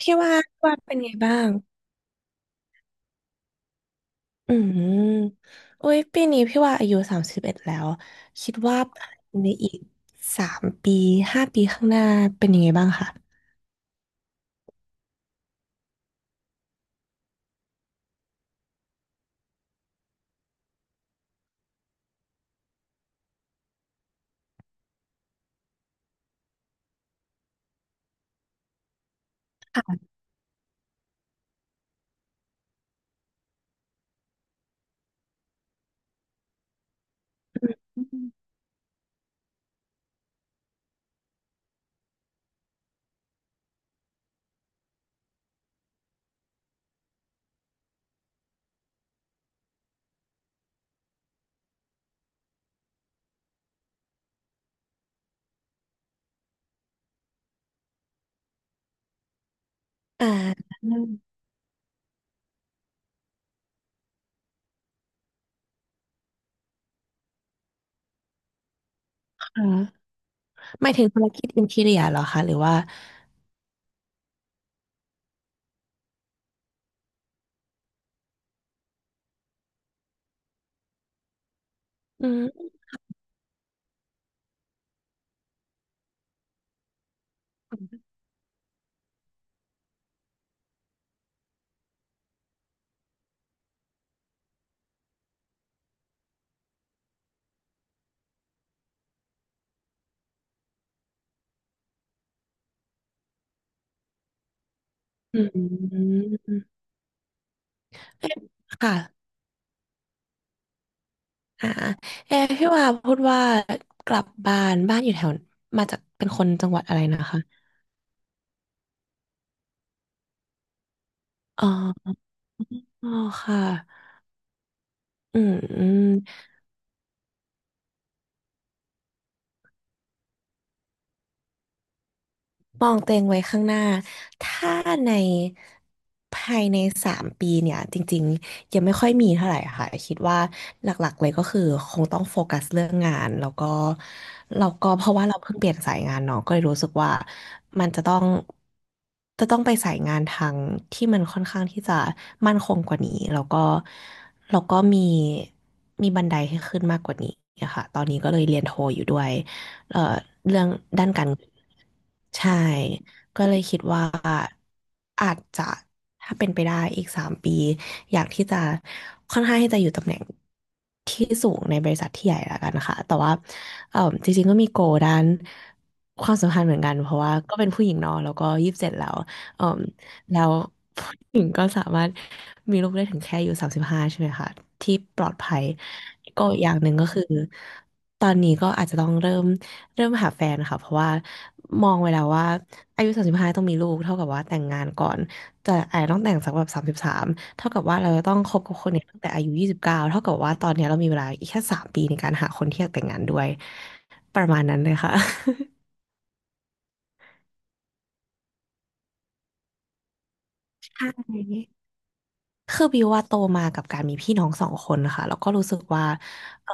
พี่ว่าเป็นไงบ้าง อืมโอ้ยปีนี้พี่ว่าอายุ31แล้วคิดว่าในอีกสามปี5 ปีข้างหน้าเป็นยังไงบ้างคะอืมอ่าค่ะหมายถึงธุรกิจอินทีเรียเหรอคะหรือว่าอืมอืมเอ๊ะค่ะอ่าเอ๊ะพี่ว่าพูดว่ากลับบ้านอยู่แถวมาจากเป็นคนจังหวัดอะไรนะคะ อ๋ออ๋อค่ะอืม มองตัวเองไว้ข้างหน้า ถ้าในภายในสามปีเนี่ยจริงๆยังไม่ค่อยมีเท่าไหร่ค่ะ คิดว่าหลักๆเลยก็คือคงต้องโฟกัสเรื่องงานแล้วก็เพราะว่าเราเพิ่งเปลี่ยนสายงานเนาะก็เลยรู้สึกว่ามันจะต้องไปสายงานทางที่มันค่อนข้างที่จะมั่นคงกว่านี้ แล้วก็มีบันไดให้ขึ้นมากกว่านี้ค่ะตอนนี้ก็เลยเรียนโทอยู่ด้วย เอ่อเรื่องด้านการเงินใช่ก็เลยคิดว่าอาจจะถ้าเป็นไปได้อีกสามปีอยากที่จะค่อนข้างที่จะอยู่ตำแหน่งที่สูงในบริษัทที่ใหญ่ละกันนะคะแต่ว่าเอ่อจริงๆก็มีโกด้านความสัมพันธ์เหมือนกันเพราะว่าก็เป็นผู้หญิงเนอะแล้วก็27แล้วเอ่อแล้วผู้หญิงก็สามารถมีลูกได้ถึงแค่อายู่สามสิบห้าใช่ไหมคะที่ปลอดภัยก็อกอย่างหนึ่งก็คือ ตอนนี้ก็อาจจะต้องเริ่มหาแฟนค่ะเพราะว่ามองไว้แล้วว่าอายุสามสิบห้าต้องมีลูกเท่ากับว่าแต่งงานก่อนจะอาจจะต้องแต่งสักแบบ33เท่ากับว่าเราจะต้องคบกับคนเนี้ตั้งแต่อายุ29เท่ากับว่าตอนนี้เรามีเวลาอีกแค่สามปีในการหาคนที่อยากแต่งงานด้วยประมาณนั้นเลยค่ะ ใช่ คือบิวว่าโตมากับการมีพี่น้องสองคนนะคะแล้วก็รู้สึกว่าเออ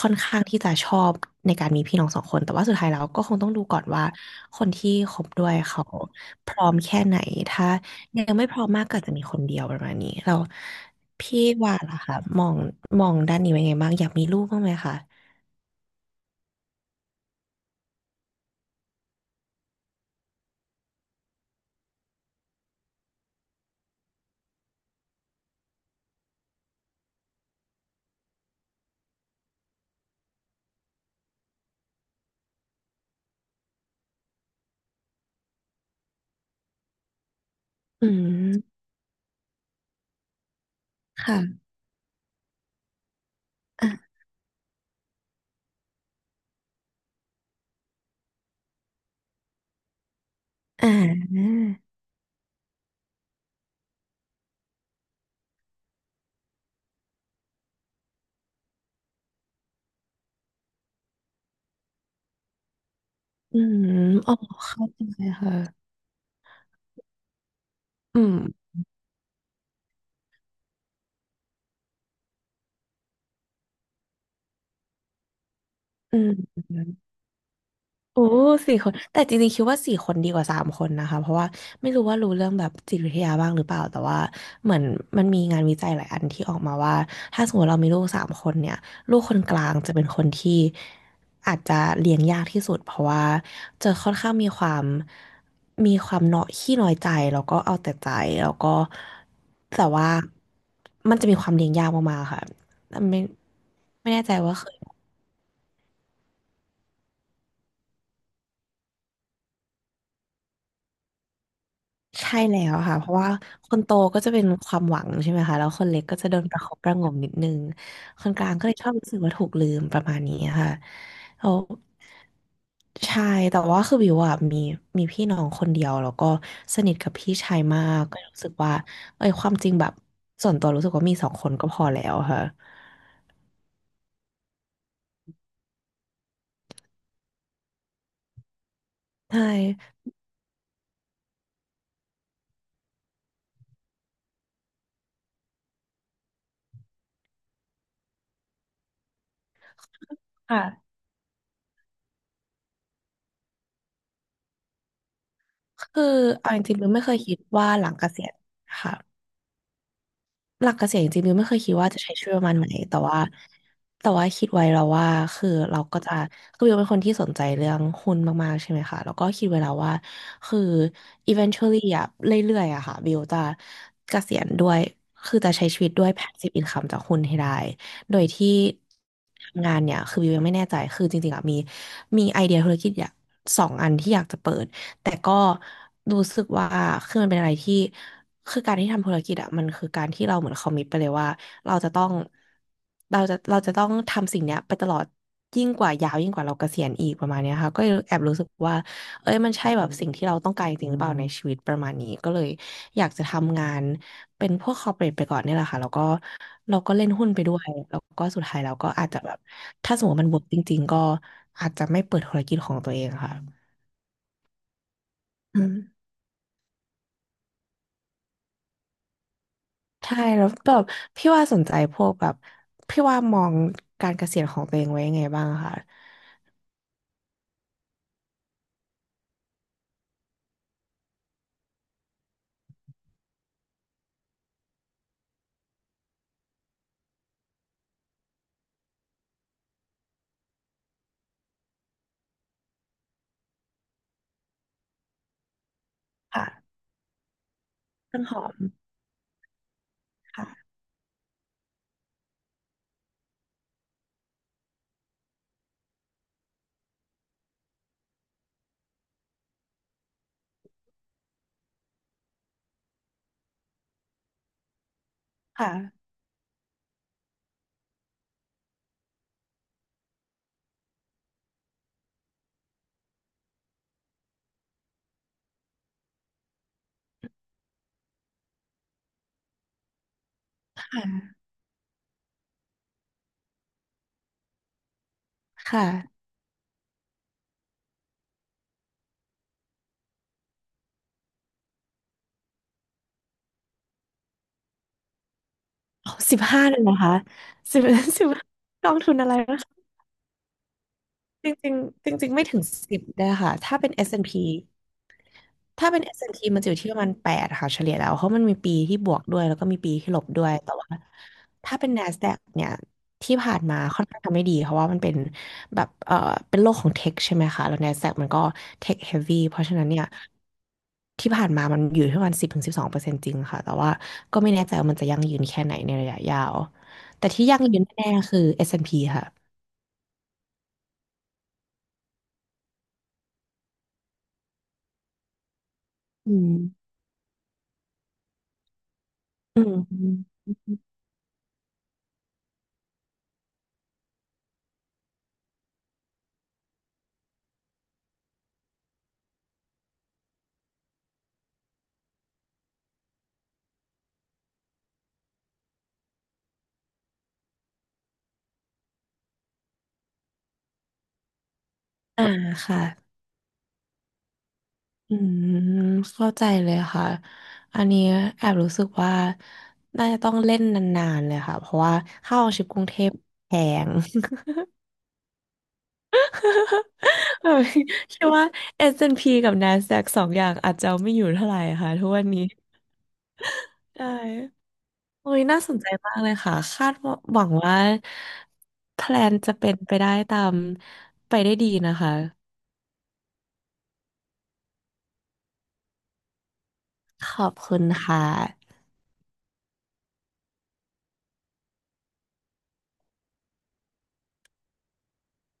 ค่อนข้างที่จะชอบในการมีพี่น้องสองคนแต่ว่าสุดท้ายแล้วก็คงต้องดูก่อนว่าคนที่คบด้วยเขาพร้อมแค่ไหนถ้ายังไม่พร้อมมากก็อาจจะมีคนเดียวประมาณนี้เราพี่ว่าล่ะค่ะมองด้านนี้เป็นไงบ้างอยากมีลูกบ้างไหมคะอืมค่ะอ่าอ่าอืมอ๋อเข้าใจค่ะอืมอืม โอ้สี่คนแต่จริงๆคิดว่าสี่คนดีกว่าสามคนนะคะเพราะว่าไม่รู้ว่ารู้เรื่องแบบจิตวิทยาบ้างหรือเปล่าแต่ว่าเหมือนมันมีงานวิจัยหลายอันที่ออกมาว่าถ้าสมมติเรามีลูกสามคนเนี่ยลูกคนกลางจะเป็นคนที่อาจจะเลี้ยงยากที่สุดเพราะว่าจะค่อนข้างมีความเนาะขี้น้อยใจแล้วก็เอาแต่ใจแล้วก็แต่ว่ามันจะมีความเลี้ยงยากมากๆค่ะแต่ไม่แน่ใจว่าเคย ใช่แล้วค่ะเพราะว่าคนโตก็จะเป็นความหวังใช่ไหมคะแล้วคนเล็กก็จะโดนประคบประหงมนิดนึงคนกลางก็เลยชอบรู้สึกว่าถูกลืมประมาณนี้ค่ะแล้วใช่แต่ว่าคือบิวอะมีพี่น้องคนเดียวแล้วก็สนิทกับพี่ชายมากก็รู้สึกว่าเอ้ยความจริงแบบส่วนตัวรู้สึกว่ามีสองคนก็พอแล้วค่ะใช่ค่ะคือเอาจริงๆบิวไม่เคยคิดว่าหลังเกษียณค่ะ หลักเกษียณจริงๆมิวไม่เคยคิดว่าจะใช้ชีวิตประมาณไหนแต่ว่าแต่ว่าคิดไว้แล้วว่าคือเราก็จะคือมิวเป็นคนที่สนใจเรื่องหุ้นมากๆใช่ไหมคะแล้วก็คิดไว้แล้วว่าคือ eventually อะเรื่อยๆอะค่ะวิวจะเกษียณด้วยคือจะใช้ชีวิตด้วย passive income จากหุ้นให้ได้ โดยที่ทำงานเนี่ยคือวิวยังไม่แน่ใจคือจริงๆอะมีไอเดียธุรกิจอยากสองอันที่อยากจะเปิด แต่ก็รู้สึกว่าคือมันเป็นอะไรที่คือการที่ทำธุรกิจอะมันคือการที่เราเหมือนคอมมิตไปเลยว่าเราจะต้องเราจะเราจะต้องทำสิ่งเนี้ยไปตลอดยิ่งกว่าเราเกษียณอีกประมาณเนี้ยค่ะก็เลยแอบรู้สึกว่าเอ้ยมันใช่แบบสิ่งที่เราต้องการจริงหรือเปล่าในชีวิตประมาณนี้ก็เลยอยากจะทำงานเป็นพวกคอร์เปรทไปก่อนเนี่ยแหละค่ะแล้วก็เราก็เล่นหุ้นไปด้วยแล้วก็สุดท้ายเราก็อาจจะแบบถ้าสมมติว่ามันเวิร์กจริงๆก็อาจจะไม่เปิดธุรกิจของตัวเองค่ะอืม ใช่แล้วแบบพี่ว่าสนใจพวกแบบพี่ว่ามองการเกษียณของตัวเองไว้ยังไงบ้างคะค่ะต้นหอมค่ะค่ะค่ะค่ะสิบห้าเลยนะคะสิบ สิบกองทุนอะไร จริงๆจริงๆไม่ถึงสิบได้ค่ะถ้าเป็นเอสแอนด์พีถ้าเป็นเอสแอนด์พีมันจะอยู่ที่ประมาณแปดค่ะเฉลี่ยแล้วเพราะมันมีปีที่บวกด้วยแล้วก็มีปีที่ลบด้วยแต่ว่าถ้าเป็น NASDAQ เนี่ยที่ผ่านมาค่อนข้างทำไม่ดีเพราะว่ามันเป็นแบบเป็นโลกของเทคใช่ไหมคะแล้ว NASDAQ มันก็เทคเฮฟวี่เพราะฉะนั้นเนี่ยที่ผ่านมามันอยู่ที่ประมาณ10 ถึง 12%จริงค่ะแต่ว่าก็ไม่แน่ใจว่ามันจะยั่งยืนแค่ไหนในระยะยาวแต่ที่ยั่งยืนแน่ๆคือเอสแอนด์พีค่ะอืม อืมอ่าค่ะอืมเข้าใจเลยค่ะอันนี้แอบรู้สึกว่าน่าจะต้องเล่นนานๆเลยค่ะเพราะว่าค่าครองชีพกรุงเทพแพง เออคิดว่า S&P กับ NASDAQ สองอย่างอาจจะเอาไม่อยู่เท่าไหร่ค่ะทุกวันนี้ใช่โอ้ยน่าสนใจมากเลยค่ะคาดว่าหวังว่าแพลนจะเป็นไปได้ตามไปได้ดีนะคะขอบคุณค่ะ